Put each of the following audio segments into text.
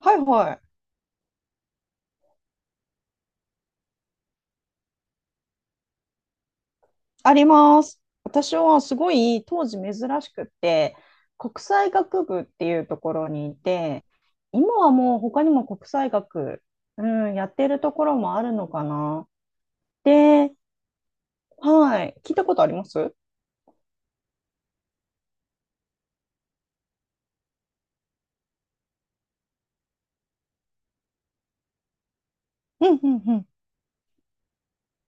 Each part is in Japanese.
はいはい。あります。私はすごい当時珍しくって、国際学部っていうところにいて、今はもう他にも国際学、うん、やってるところもあるのかな。で、はい。聞いたことあります？うんうんうん。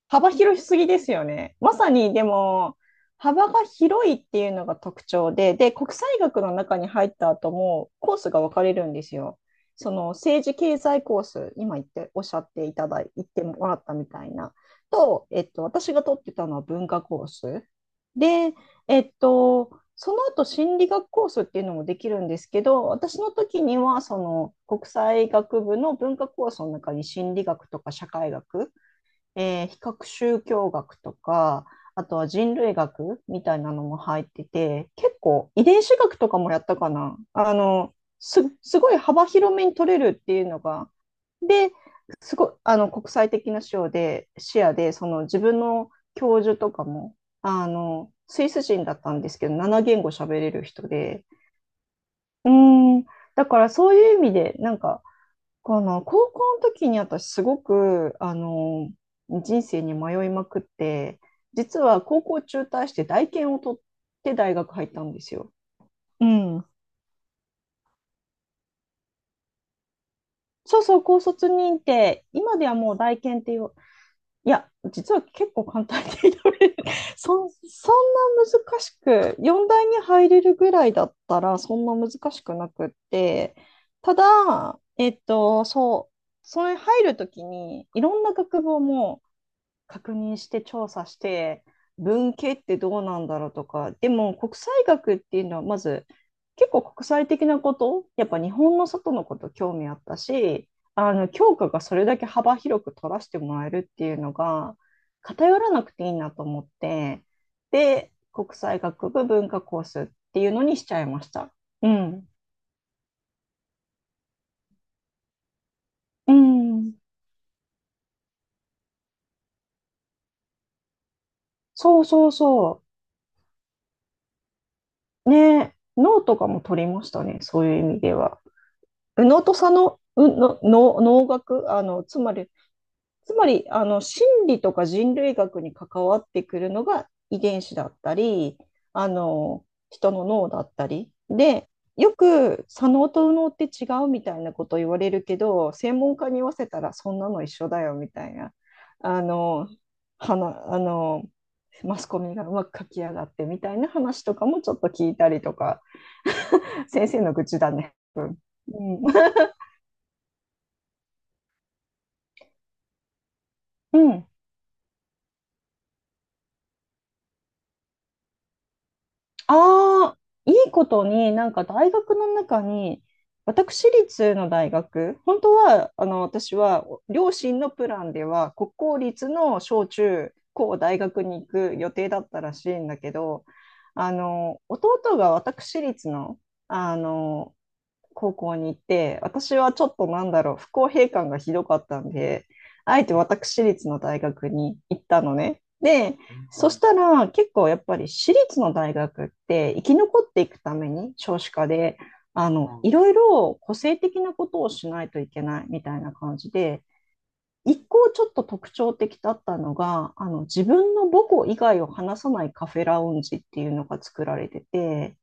幅広すぎですよね。まさにでも、幅が広いっていうのが特徴で、で、国際学の中に入った後もコースが分かれるんですよ。その政治経済コース、今言っておっしゃっていただい言ってもらったみたいな、と、私が取ってたのは文化コース。で、えっと、その後心理学コースっていうのもできるんですけど、私の時にはその国際学部の文化コースの中に心理学とか社会学、比較宗教学とか、あとは人類学みたいなのも入ってて、結構遺伝子学とかもやったかな。ごい幅広めに取れるっていうのが、で、すごい、国際的な視野で、その自分の教授とかも、スイス人だったんですけど、7言語喋れる人で、うーん、だからそういう意味で、この高校の時に私すごく人生に迷いまくって実は高校中退して大研を取って大学入ったんですよ。うん。そうそう高卒認定今ではもう大研っていう。いや実は結構簡単に取れる。 そんな難しく4大に入れるぐらいだったらそんな難しくなくって、ただそう、それ入る時にいろんな学部を確認して調査して、文系ってどうなんだろうとか、でも国際学っていうのはまず結構国際的なこと、やっぱ日本の外のこと興味あったし、あの教科がそれだけ幅広く取らせてもらえるっていうのが偏らなくていいなと思って、で、国際学部文化コースっていうのにしちゃいました。うん。うん。そうそうそう。ね、ノートとかも取りましたね、そういう意味では。右脳と左脳、の脳、脳学、つまり、心理とか人類学に関わってくるのが遺伝子だったり、あの、人の脳だったり。で、よく左脳と右脳って違うみたいなこと言われるけど、専門家に言わせたらそんなの一緒だよみたいな、あの、はな、あの、マスコミがうまく書き上がってみたいな話とかもちょっと聞いたりとか、先生の愚痴だね。うん。うん。ああ、いいことに、なんか大学の中に、私立の大学、本当は、私は、両親のプランでは、国公立の小中高大学に行く予定だったらしいんだけど、弟が私立の、あの、高校に行って、私はちょっとなんだろう、不公平感がひどかったんで、あえて私立の大学に行ったのね。で、そしたら結構やっぱり私立の大学って生き残っていくために少子化で、いろいろ個性的なことをしないといけないみたいな感じで、一個ちょっと特徴的だったのが、自分の母校以外を話さないカフェラウンジっていうのが作られてて、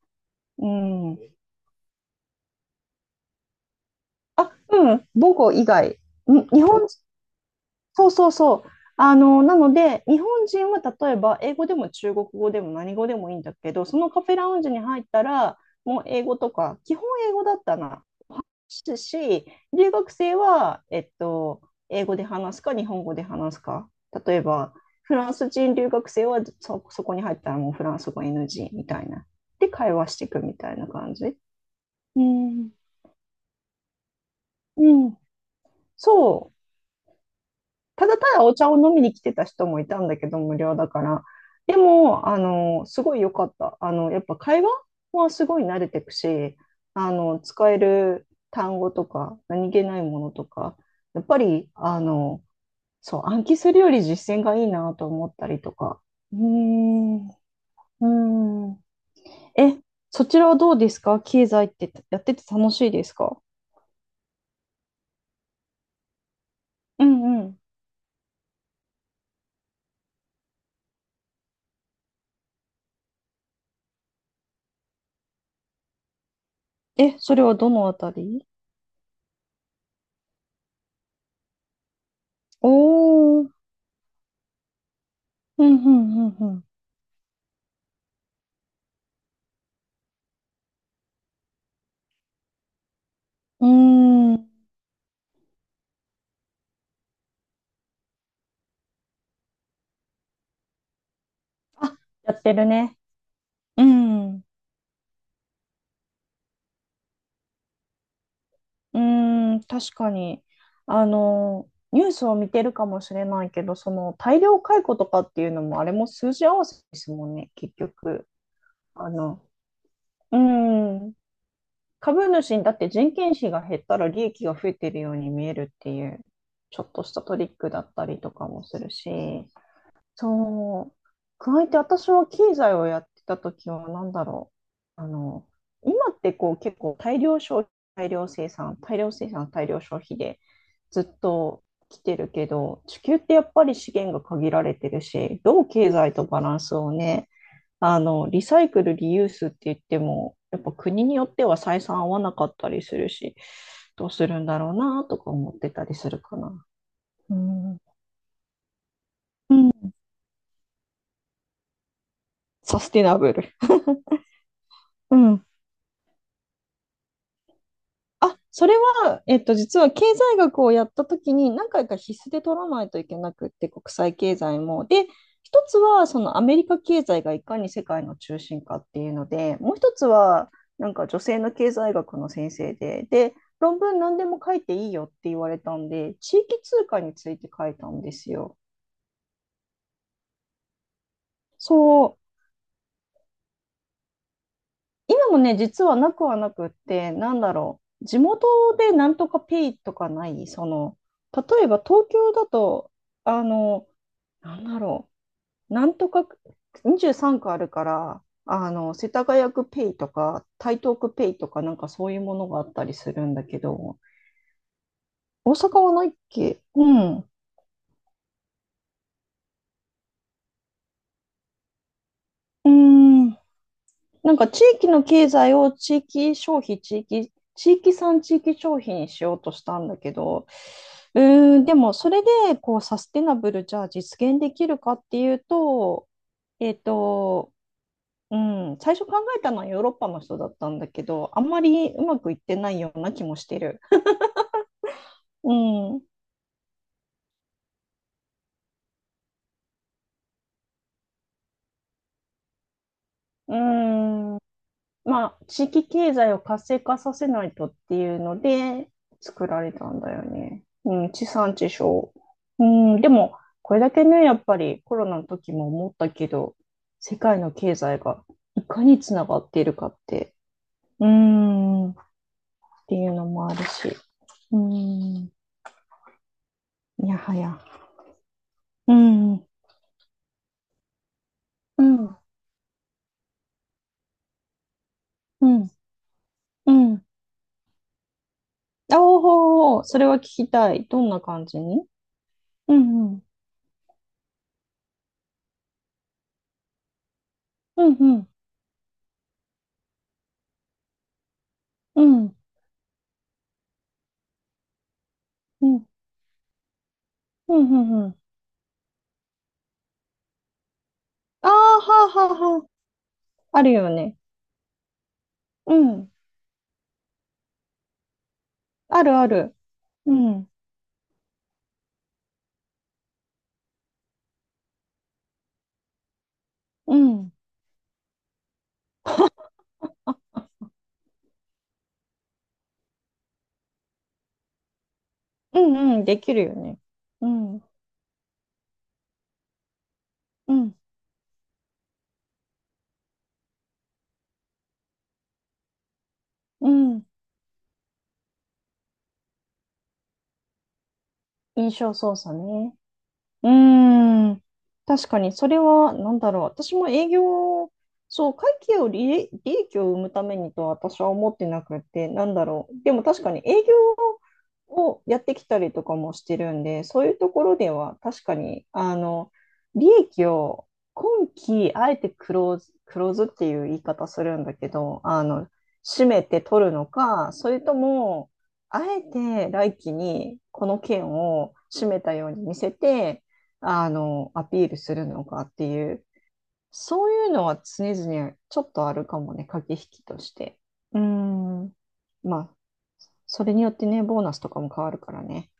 うん。あ、うん、母語以外。に日本、そうそうそう。なので、日本人は例えば、英語でも中国語でも何語でもいいんだけど、そのカフェラウンジに入ったら、もう英語とか、基本英語だったな。話すし、留学生は、英語で話すか、日本語で話すか。例えば、フランス人留学生はそこに入ったらもうフランス語 NG みたいな。で、会話していくみたいな感じ。うん。うん。そう。ただただお茶を飲みに来てた人もいたんだけど、無料だから。でも、すごい良かった。やっぱ会話はすごい慣れてくし、使える単語とか、何気ないものとか、やっぱり、そう、暗記するより実践がいいなと思ったりとか。うーん、うーん。え、そちらはどうですか？経済ってやってて楽しいですか？うんうん。え、それはどのあたり？おー、うんうんうん。うーん。あ、やってるね。うん。うーん、確かに。ニュースを見てるかもしれないけど、その大量解雇とかっていうのも、あれも数字合わせですもんね、結局。あの、うん。株主にだって人件費が減ったら利益が増えてるように見えるっていう、ちょっとしたトリックだったりとかもするし。そう。加えて私は経済をやってた時は何だろう。今ってこう結構大量消費、大量生産、大量消費でずっと来てるけど、地球ってやっぱり資源が限られてるし、どう経済とバランスをね、リサイクル、リユースって言っても、やっぱ国によっては採算合わなかったりするし、どうするんだろうなとか思ってたりするかな。うん、うん。サスティナブル。うん。あ、それは、実は経済学をやったときに何回か必須で取らないといけなくって、国際経済も。で、一つはそのアメリカ経済がいかに世界の中心かっていうので、もう一つはなんか女性の経済学の先生で、で、論文何でも書いていいよって言われたんで、地域通貨について書いたんですよ。そう、今もね、実はなくはなくって、なんだろう、地元でなんとかペイとかない、その、例えば東京だと、あの、なんだろう、なんとか23区あるから、世田谷区ペイとか、台東区ペイとか、なんかそういうものがあったりするんだけど、大阪はないっけ？うん。うーん。なんか地域の経済を地域消費、地域産地域消費にしようとしたんだけど、うーん、でもそれでこうサステナブルじゃあ実現できるかっていうと、えっと、うん、最初考えたのはヨーロッパの人だったんだけど、あんまりうまくいってないような気もしてる。うん、うん。まあ、地域経済を活性化させないとっていうので作られたんだよね。うん、地産地消。うん、でも、これだけね、やっぱりコロナの時も思ったけど、世界の経済がいかにつながっているかって、っていうのもあるし、うん、やはや、うん、うん、うん、うん。おお、それは聞きたい。どんな感じに？うん、うん、うん、うん、うん、うん、うん、うん、ああ、はあ、はあ、はあ。あるよね。うん。あるある。うん。うん。うんうん。できるよね。うん。うん。うん。印象操作ね。うーん。確かに、それは、なんだろう。私も営業、そう、会計を利益、利益を生むためにとは私は思ってなくて、なんだろう。でも確かに営業をやってきたりとかもしてるんで、そういうところでは確かに、利益を今期、あえてクローズ、クローズっていう言い方するんだけど、締めて取るのか、それとも、あえて来期にこの件を締めたように見せて、アピールするのかっていう、そういうのは常々ちょっとあるかもね、駆け引きとして。うーん。まあ、それによってね、ボーナスとかも変わるからね。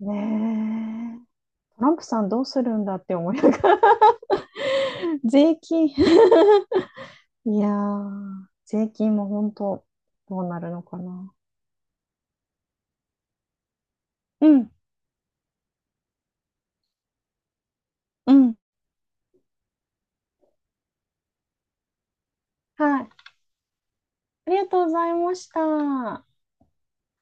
ねえ。トランプさんどうするんだって思いながら、 税金。 いやー、税金も本当どうなるのかな。うん、うん。はい。ありがとうございました。